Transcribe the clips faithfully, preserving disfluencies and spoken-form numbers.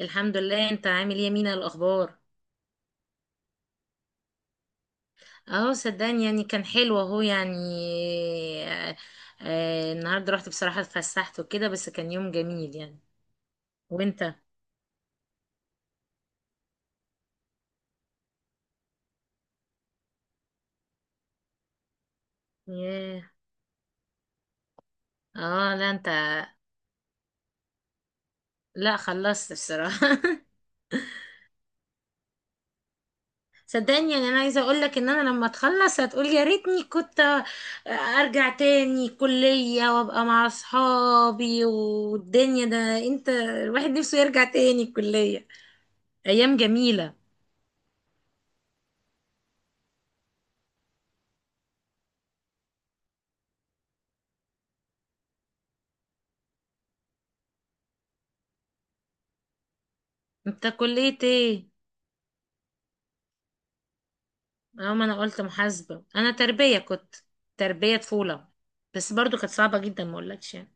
الحمد لله، انت عامل ايه يا مينا؟ الاخبار؟ اه صدقني يعني كان حلو اهو يعني. آه آه النهارده رحت بصراحه اتفسحت وكده، بس كان يوم جميل يعني. وانت؟ ياه. اه لا انت. لا خلصت بصراحه صدقني يعني، انا عايزه اقول لك ان انا لما تخلص هتقول يا ريتني كنت آه، ارجع تاني كليه وابقى مع اصحابي، والدنيا ده انت الواحد نفسه يرجع تاني الكليه. ايام جميله. انت كليه ايه؟ اه ما انا قلت محاسبة، انا تربية كنت، تربية طفولة. بس برضو كانت صعبة جدا ما اقولكش يعني.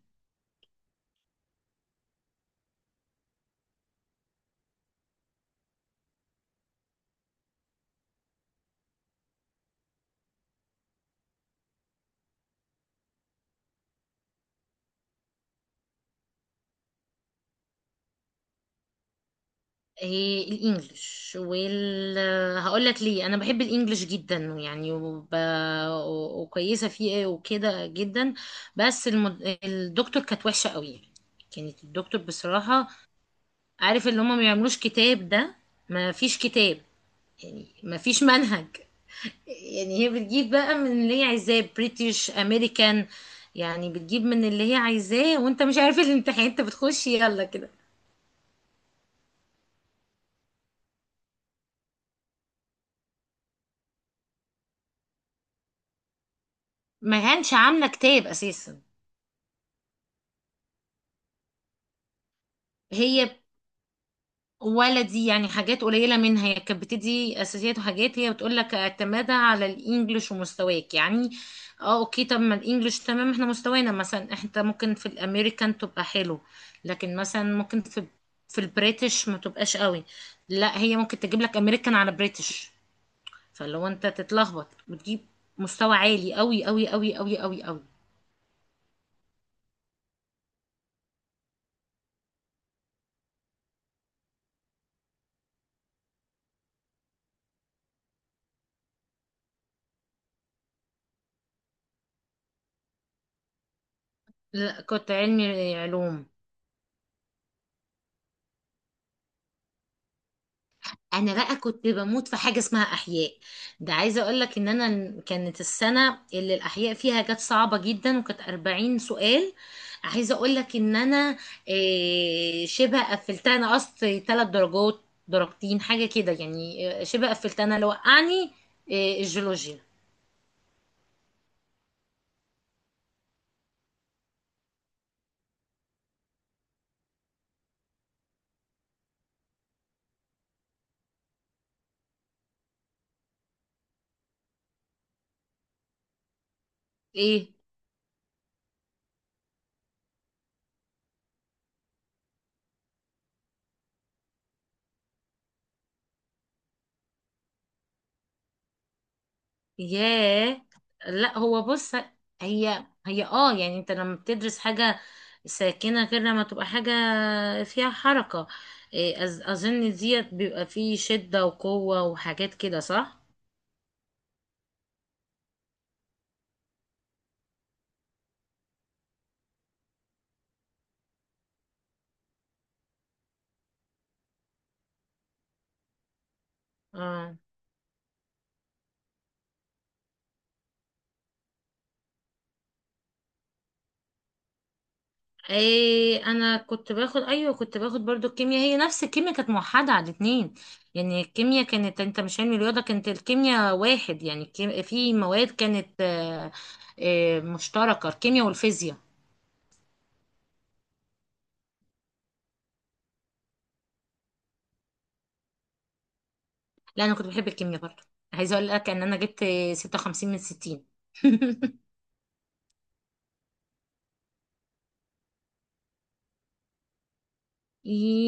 إيه؟ الانجليش وال هقول لك ليه. انا بحب الانجليش جدا يعني، وب... وكويسة فيه إيه وكده جدا. بس المد... الدكتور كانت وحشة قوي. كانت الدكتور بصراحة عارف اللي هم ما بيعملوش كتاب ده. ما فيش كتاب، يعني ما فيش منهج. يعني هي بتجيب بقى من اللي هي عايزاه، بريتش، امريكان. يعني بتجيب من اللي هي عايزاه وانت مش عارف الامتحان، انت بتخش يلا كده. ما كانش عامله كتاب اساسا. هي ولا دي يعني حاجات قليله منها. هي كانت بتدي اساسيات وحاجات، هي بتقول لك اعتمادها على الانجليش ومستواك يعني. اه اوكي. طب ما الانجليش تمام، احنا مستوانا مثلا انت ممكن في الامريكان تبقى حلو، لكن مثلا ممكن في في البريتش ما تبقاش قوي. لا هي ممكن تجيب لك امريكان على بريتش، فاللي هو انت تتلخبط. بتجيب مستوى عالي قوي قوي قوي قوي قوي قوي. لا كنت علمي علوم. انا بقى كنت بموت في حاجه اسمها احياء. ده عايزه اقول لك ان انا كانت السنه اللي الاحياء فيها كانت صعبه جدا، وكانت أربعين سؤال. عايزه اقول لك ان انا آه، شبه قفلتها، انا قصت ثلاث درجات، درجتين حاجه كده يعني. آه، شبه قفلتها، انا اللي وقعني آه، الجيولوجيا. ايه؟ ياه. لا هو بص، هي هي اه يعني، انت لما بتدرس حاجة ساكنة غير لما تبقى حاجة فيها حركة. إيه، أز- أظن ديت بيبقى فيه شدة وقوة وحاجات كده، صح؟ اه. ايه، انا كنت باخد، ايوه كنت باخد برضو الكيمياء. هي نفس الكيمياء كانت موحدة على الاتنين. يعني الكيمياء كانت، انت مش علم رياضة كانت الكيمياء واحد، يعني الكيم- في مواد كانت آه، آه، مشتركة، الكيمياء والفيزياء. لا انا كنت بحب الكيمياء برضه. عايزه اقول لك ان انا جبت ستة وخمسين من ستين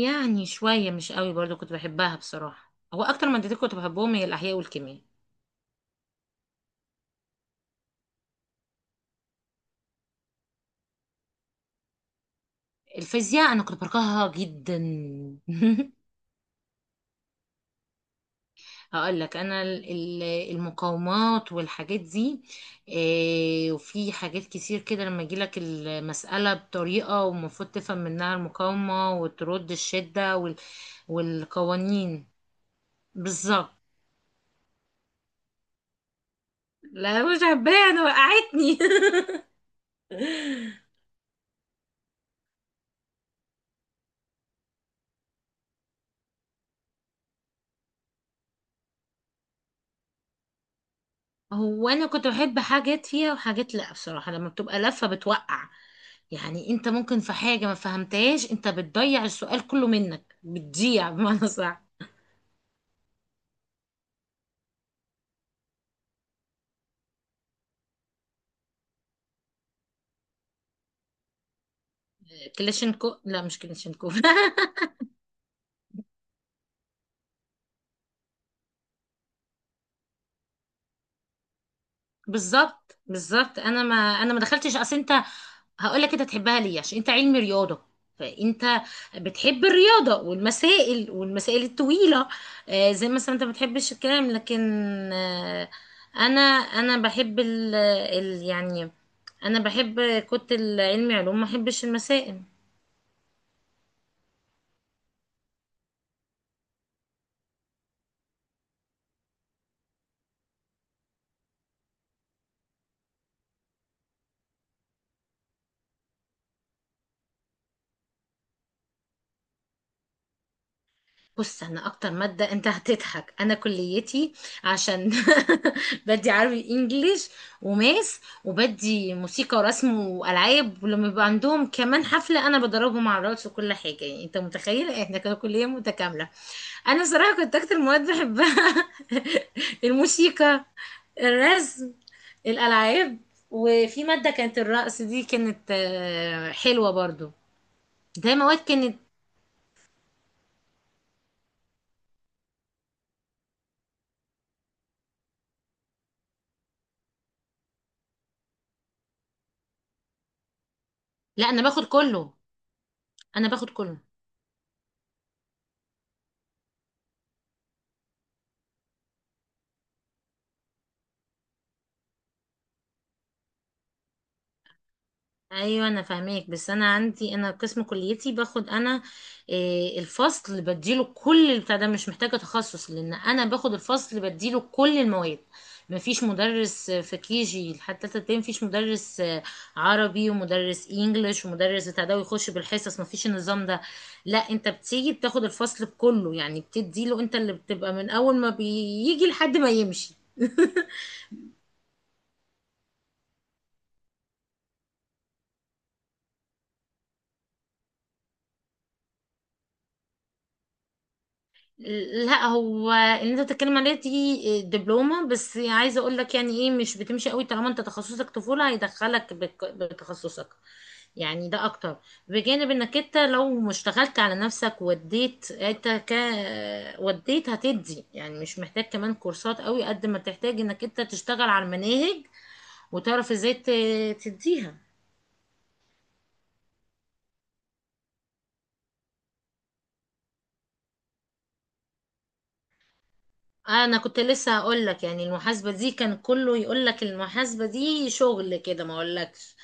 يعني شويه مش قوي، برضه كنت بحبها بصراحه. هو اكتر مادتين كنت بحبهم هي الاحياء والكيمياء. الفيزياء انا كنت بكرهها جدا هقول لك، انا ال- ال- المقاومات والحاجات دي. إيه، وفي حاجات كتير كده، لما يجي لك المساله بطريقه ومفروض تفهم منها المقاومه وترد الشده وال- والقوانين. بالظبط. لا مش حباها، انا وقعتني هو انا كنت بحب حاجات فيها وحاجات لا، بصراحة لما بتبقى لفة بتوقع. يعني انت ممكن في حاجة ما فهمتهاش، انت بتضيع السؤال كله منك، بتضيع بمعنى صح. كلاشينكو، لا مش كلاشينكو بالظبط، بالظبط. انا ما انا ما دخلتش اصل انت. هقول لك، انت تحبها ليه؟ عشان انت علمي رياضه، فانت بتحب الرياضه والمسائل والمسائل الطويله. آه، زي مثلا انت ما بتحبش الكلام، لكن آه، انا انا بحب ال ال- يعني انا بحب كنت العلمي علوم، ما احبش المسائل. بص، انا اكتر ماده انت هتضحك، انا كليتي عشان بدي عربي انجليش وماس، وبدي موسيقى ورسم والعاب، ولما بيبقى عندهم كمان حفله انا بدربهم على الرقص وكل حاجه. يعني انت متخيل احنا كنا كليه متكامله. انا صراحه كنت اكتر مواد بحبها الموسيقى، الرسم، الالعاب. وفي ماده كانت الرقص، دي كانت آه، حلوه برضو. ده مواد كانت. لا انا باخد كله. انا باخد كله. ايوه انا فاهماك، بس انا عندي، انا قسم كليتي باخد انا. إيه، الفصل اللي بديله كل البتاع ده مش محتاجه تخصص، لان انا باخد الفصل اللي بديله كل المواد. مفيش مدرس آه، في كي جي لحد تالتة ابتدائي مفيش مدرس آه، عربي ومدرس انجليش ومدرس بتاع ده ويخش بالحصص، مفيش النظام ده. لا انت بتيجي بتاخد الفصل كله، يعني بتديله انت، اللي بتبقى من اول ما بيجي لحد ما يمشي. لا هو اللي انت بتتكلم عليه دي دبلومة، بس عايزة اقول لك يعني ايه، مش بتمشي قوي طالما انت تخصصك طفولة هيدخلك بك- بتخصصك، يعني ده اكتر. بجانب انك انت لو ما اشتغلت على نفسك وديت انت ك، وديت هتدي، يعني مش محتاج كمان كورسات قوي قد ما تحتاج انك انت تشتغل على المناهج، وتعرف ازاي ت- تديها. انا كنت لسه هقول لك، يعني المحاسبة دي كان كله يقول لك المحاسبة دي شغل كده ما اقولكش.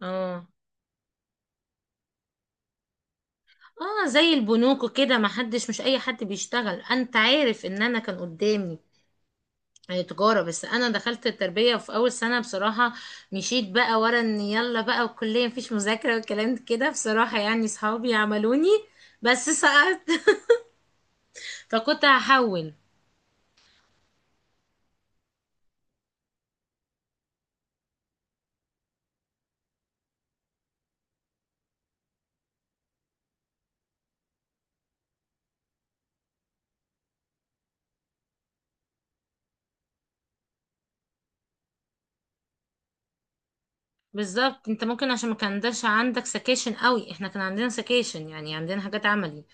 اه اه زي البنوك كده، ما حدش، مش اي حد بيشتغل. انت عارف ان انا كان قدامي آه، تجارة، بس انا دخلت التربية، وفي اول سنة بصراحة مشيت بقى ورا ان يلا بقى والكلية مفيش مذاكرة والكلام كده، بصراحة يعني صحابي عملوني، بس سقطت فكنت هحول. بالظبط. انت ممكن عشان ما كانش عندك سكيشن قوي، احنا كان عندنا سكيشن يعني عندنا حاجات عملي،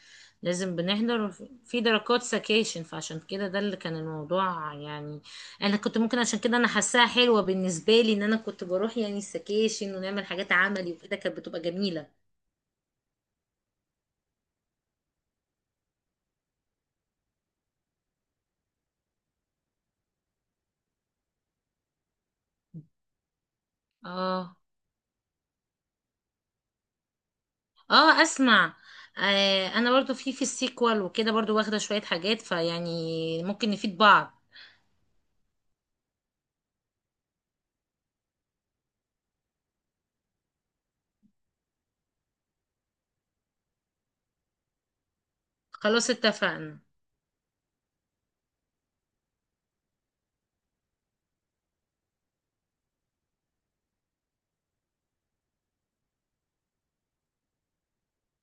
لازم بنحضر، وف- في درجات سكيشن، فعشان كده ده اللي كان الموضوع يعني. انا كنت ممكن عشان كده انا حاساها حلوة بالنسبة لي، ان انا كنت بروح يعني السكيشن ونعمل حاجات عملي وكده كانت بتبقى جميلة. اه. اه اسمع. آه، انا برضو في في السيكوال وكده برضو واخدة شوية حاجات، فيعني ممكن نفيد بعض. خلاص اتفقنا.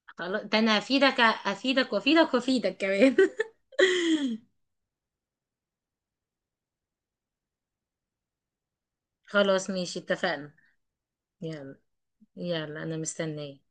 خلاص، ده انا افيدك افيدك وافيدك وافيدك كمان خلاص ماشي، اتفقنا. يلا. يلا انا مستنية.